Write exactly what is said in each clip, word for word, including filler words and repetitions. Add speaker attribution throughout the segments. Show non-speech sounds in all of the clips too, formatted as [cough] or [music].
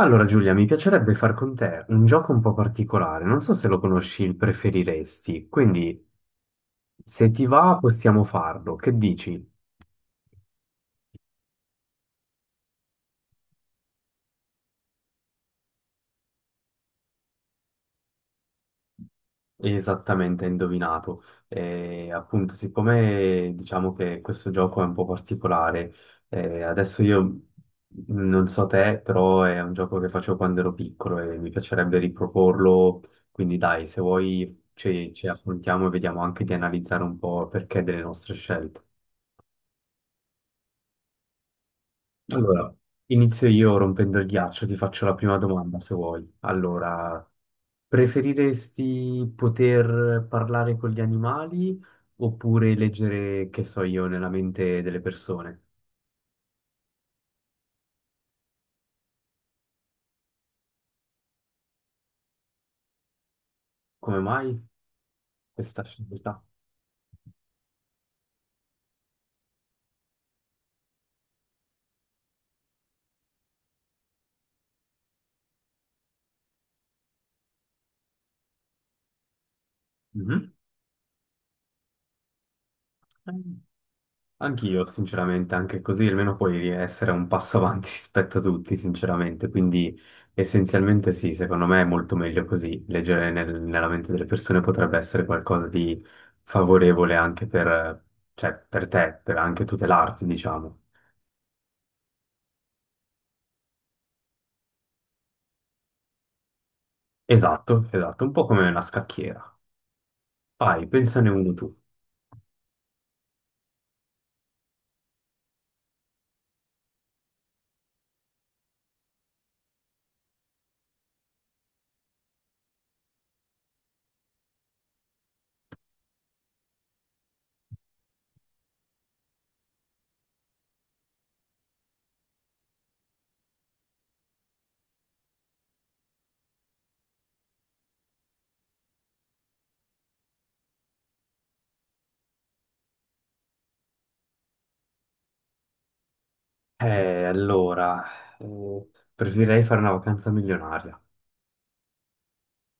Speaker 1: Allora Giulia, mi piacerebbe far con te un gioco un po' particolare, non so se lo conosci, il preferiresti, quindi se ti va possiamo farlo, che dici? Esattamente, hai indovinato. Eh, appunto, siccome diciamo che questo gioco è un po' particolare, eh, adesso io non so te, però è un gioco che facevo quando ero piccolo e mi piacerebbe riproporlo, quindi dai, se vuoi ci, ci affrontiamo e vediamo anche di analizzare un po' il perché delle nostre scelte. Allora, inizio io rompendo il ghiaccio, ti faccio la prima domanda se vuoi. Allora, preferiresti poter parlare con gli animali oppure leggere, che so io, nella mente delle persone? Come mai questa scelta? Mhm. Anch'io, sinceramente, anche così almeno puoi essere un passo avanti [laughs] rispetto a tutti, sinceramente. Quindi, essenzialmente, sì, secondo me è molto meglio così. Leggere nel- nella mente delle persone potrebbe essere qualcosa di favorevole anche per, cioè, per te, per anche tutelarti, diciamo. Esatto, esatto, un po' come una scacchiera. Vai, pensane uno tu. Eh, allora, eh, preferirei fare una vacanza milionaria.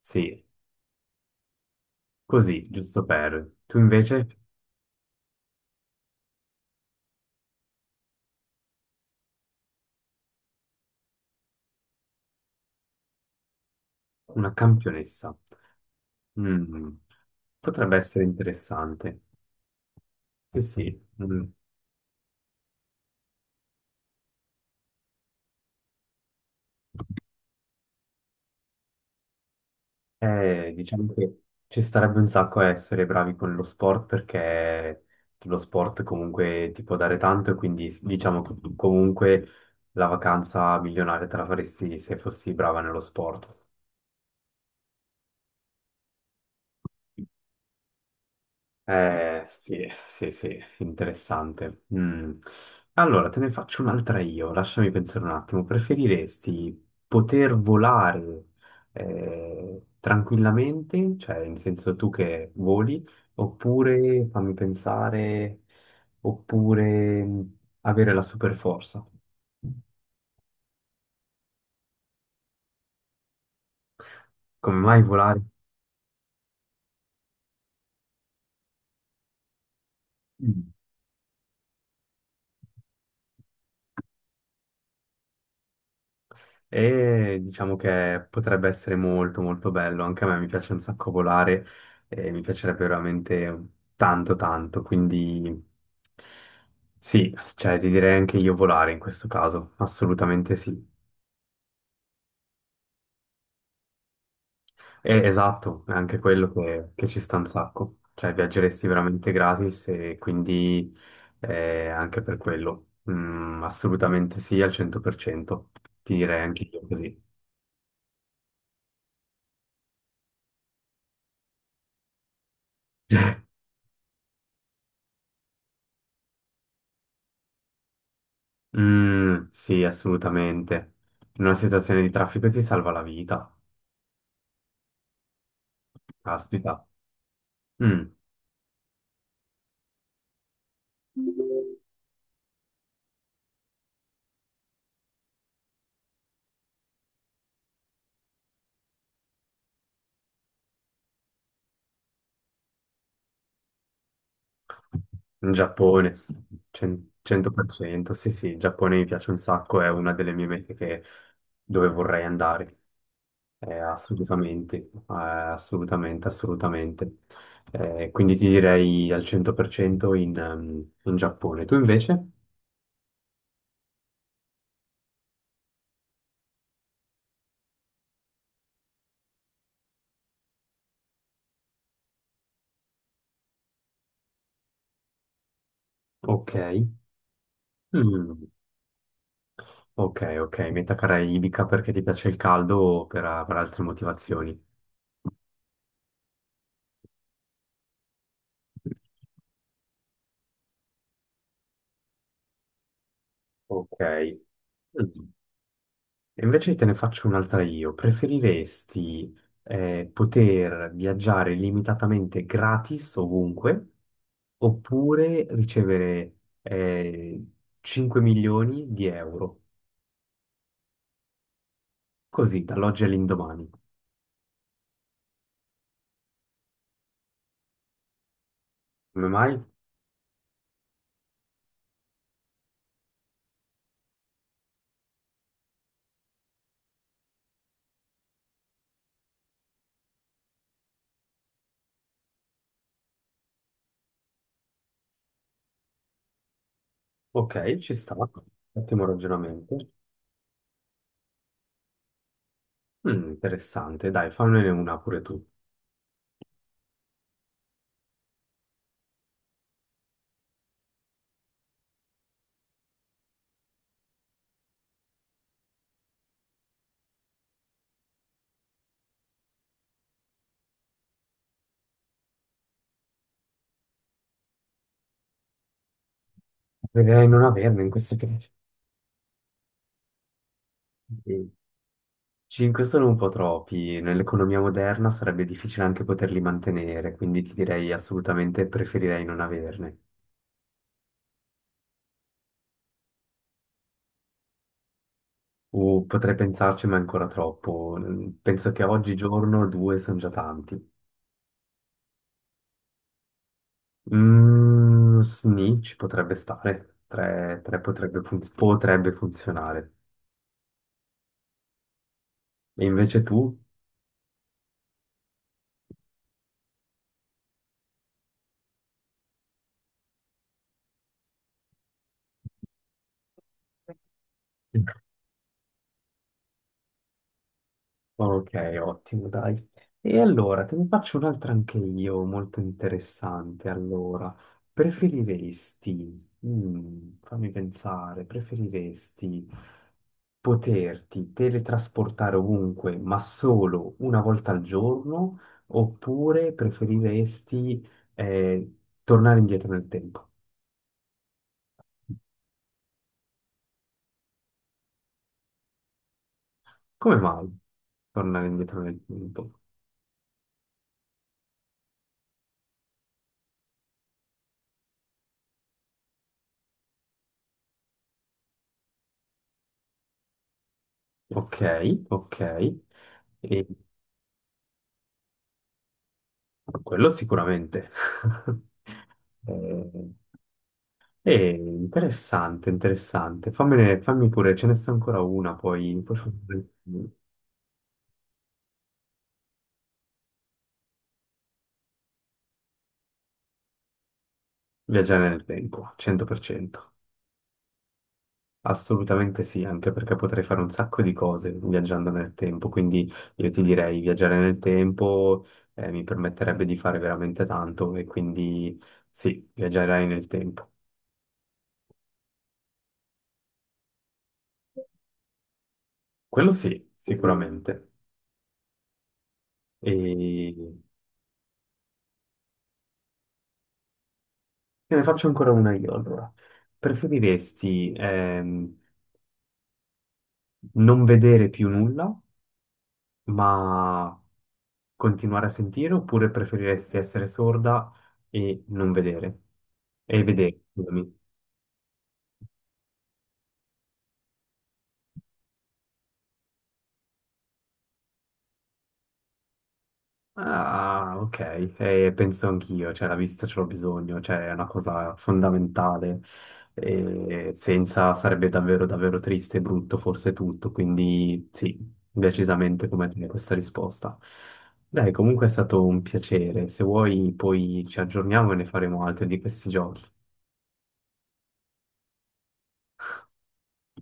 Speaker 1: Sì, così, giusto per. Tu invece, una campionessa. Mm, potrebbe essere interessante. Sì, sì. Mm. Eh, diciamo che ci starebbe un sacco a essere bravi con lo sport perché lo sport comunque ti può dare tanto e quindi s- diciamo che tu comunque la vacanza milionaria te la faresti se fossi brava nello sport. Eh, sì, sì, sì, interessante. Mm. Allora, te ne faccio un'altra io, lasciami pensare un attimo. Preferiresti poter volare eh, tranquillamente, cioè in senso tu che voli, oppure, fammi pensare, oppure mm, avere la superforza? Come mai volare? Mm. E diciamo che potrebbe essere molto molto bello, anche a me mi piace un sacco volare e mi piacerebbe veramente tanto tanto, quindi sì, cioè ti direi anche io volare in questo caso, assolutamente sì. E- esatto, è anche quello che, che ci sta un sacco, cioè viaggeresti veramente gratis e quindi eh, anche per quello, Mm, assolutamente sì al cento per cento, ti direi anche io così. Mm, sì, assolutamente. In una situazione di traffico ti salva la vita. Caspita. Mm, in Giappone, cen- cento per cento. Sì, sì, il Giappone mi piace un sacco, è una delle mie mete che- dove vorrei andare. Eh, assolutamente, eh, assolutamente, assolutamente. Eh, quindi ti direi al cento per cento in, ehm, in Giappone. Tu invece? Ok. Mm. Ok, ok, meta caraibica perché ti piace il caldo o per, per altre motivazioni? Ok. Mm. E invece te ne faccio un'altra io. Preferiresti eh, poter viaggiare limitatamente gratis ovunque oppure ricevere eh, cinque milioni di euro? Così, dall'oggi all'indomani. Come mai? Ok, ci sta. Ottimo ragionamento. Mm, interessante. Dai, fammene una pure tu. Preferirei non averne in questo caso. Sì. Cinque sono un po' troppi. Nell'economia moderna sarebbe difficile anche poterli mantenere, quindi ti direi assolutamente preferirei non averne. O potrei pensarci, ma è ancora troppo. Penso che oggigiorno due sono già tanti. Mm, sni ci potrebbe stare. Tre, tre potrebbe, fun- potrebbe funzionare. E invece tu? [laughs] Ok, ottimo, dai. E allora, te ne faccio un'altra anche io, molto interessante. Allora, preferiresti, mm, fammi pensare, preferiresti poterti teletrasportare ovunque, ma solo una volta al giorno, oppure preferiresti, eh, tornare indietro nel tempo? Come mai tornare indietro nel tempo? Ok, ok. E, Quello sicuramente. [laughs] Eh, è interessante, interessante. Fammene, fammi pure, ce ne sta ancora una, poi, poi fammi viaggiare nel tempo, cento per cento. Assolutamente sì, anche perché potrei fare un sacco di cose viaggiando nel tempo, quindi io ti direi viaggiare nel tempo eh, mi permetterebbe di fare veramente tanto e quindi sì, viaggerai nel tempo. Quello sì, sicuramente. E Te ne faccio ancora una io, allora. Preferiresti ehm, non vedere più nulla, ma continuare a sentire, oppure preferiresti essere sorda e non vedere? E vedere, scusami. Ah, ok. Eh, penso anch'io, cioè la vista ce l'ho bisogno, cioè è una cosa fondamentale. Eh, senza sarebbe davvero davvero triste e brutto forse tutto, quindi sì, decisamente come te questa risposta. Dai, comunque è stato un piacere, se vuoi poi ci aggiorniamo e ne faremo altri di questi giochi.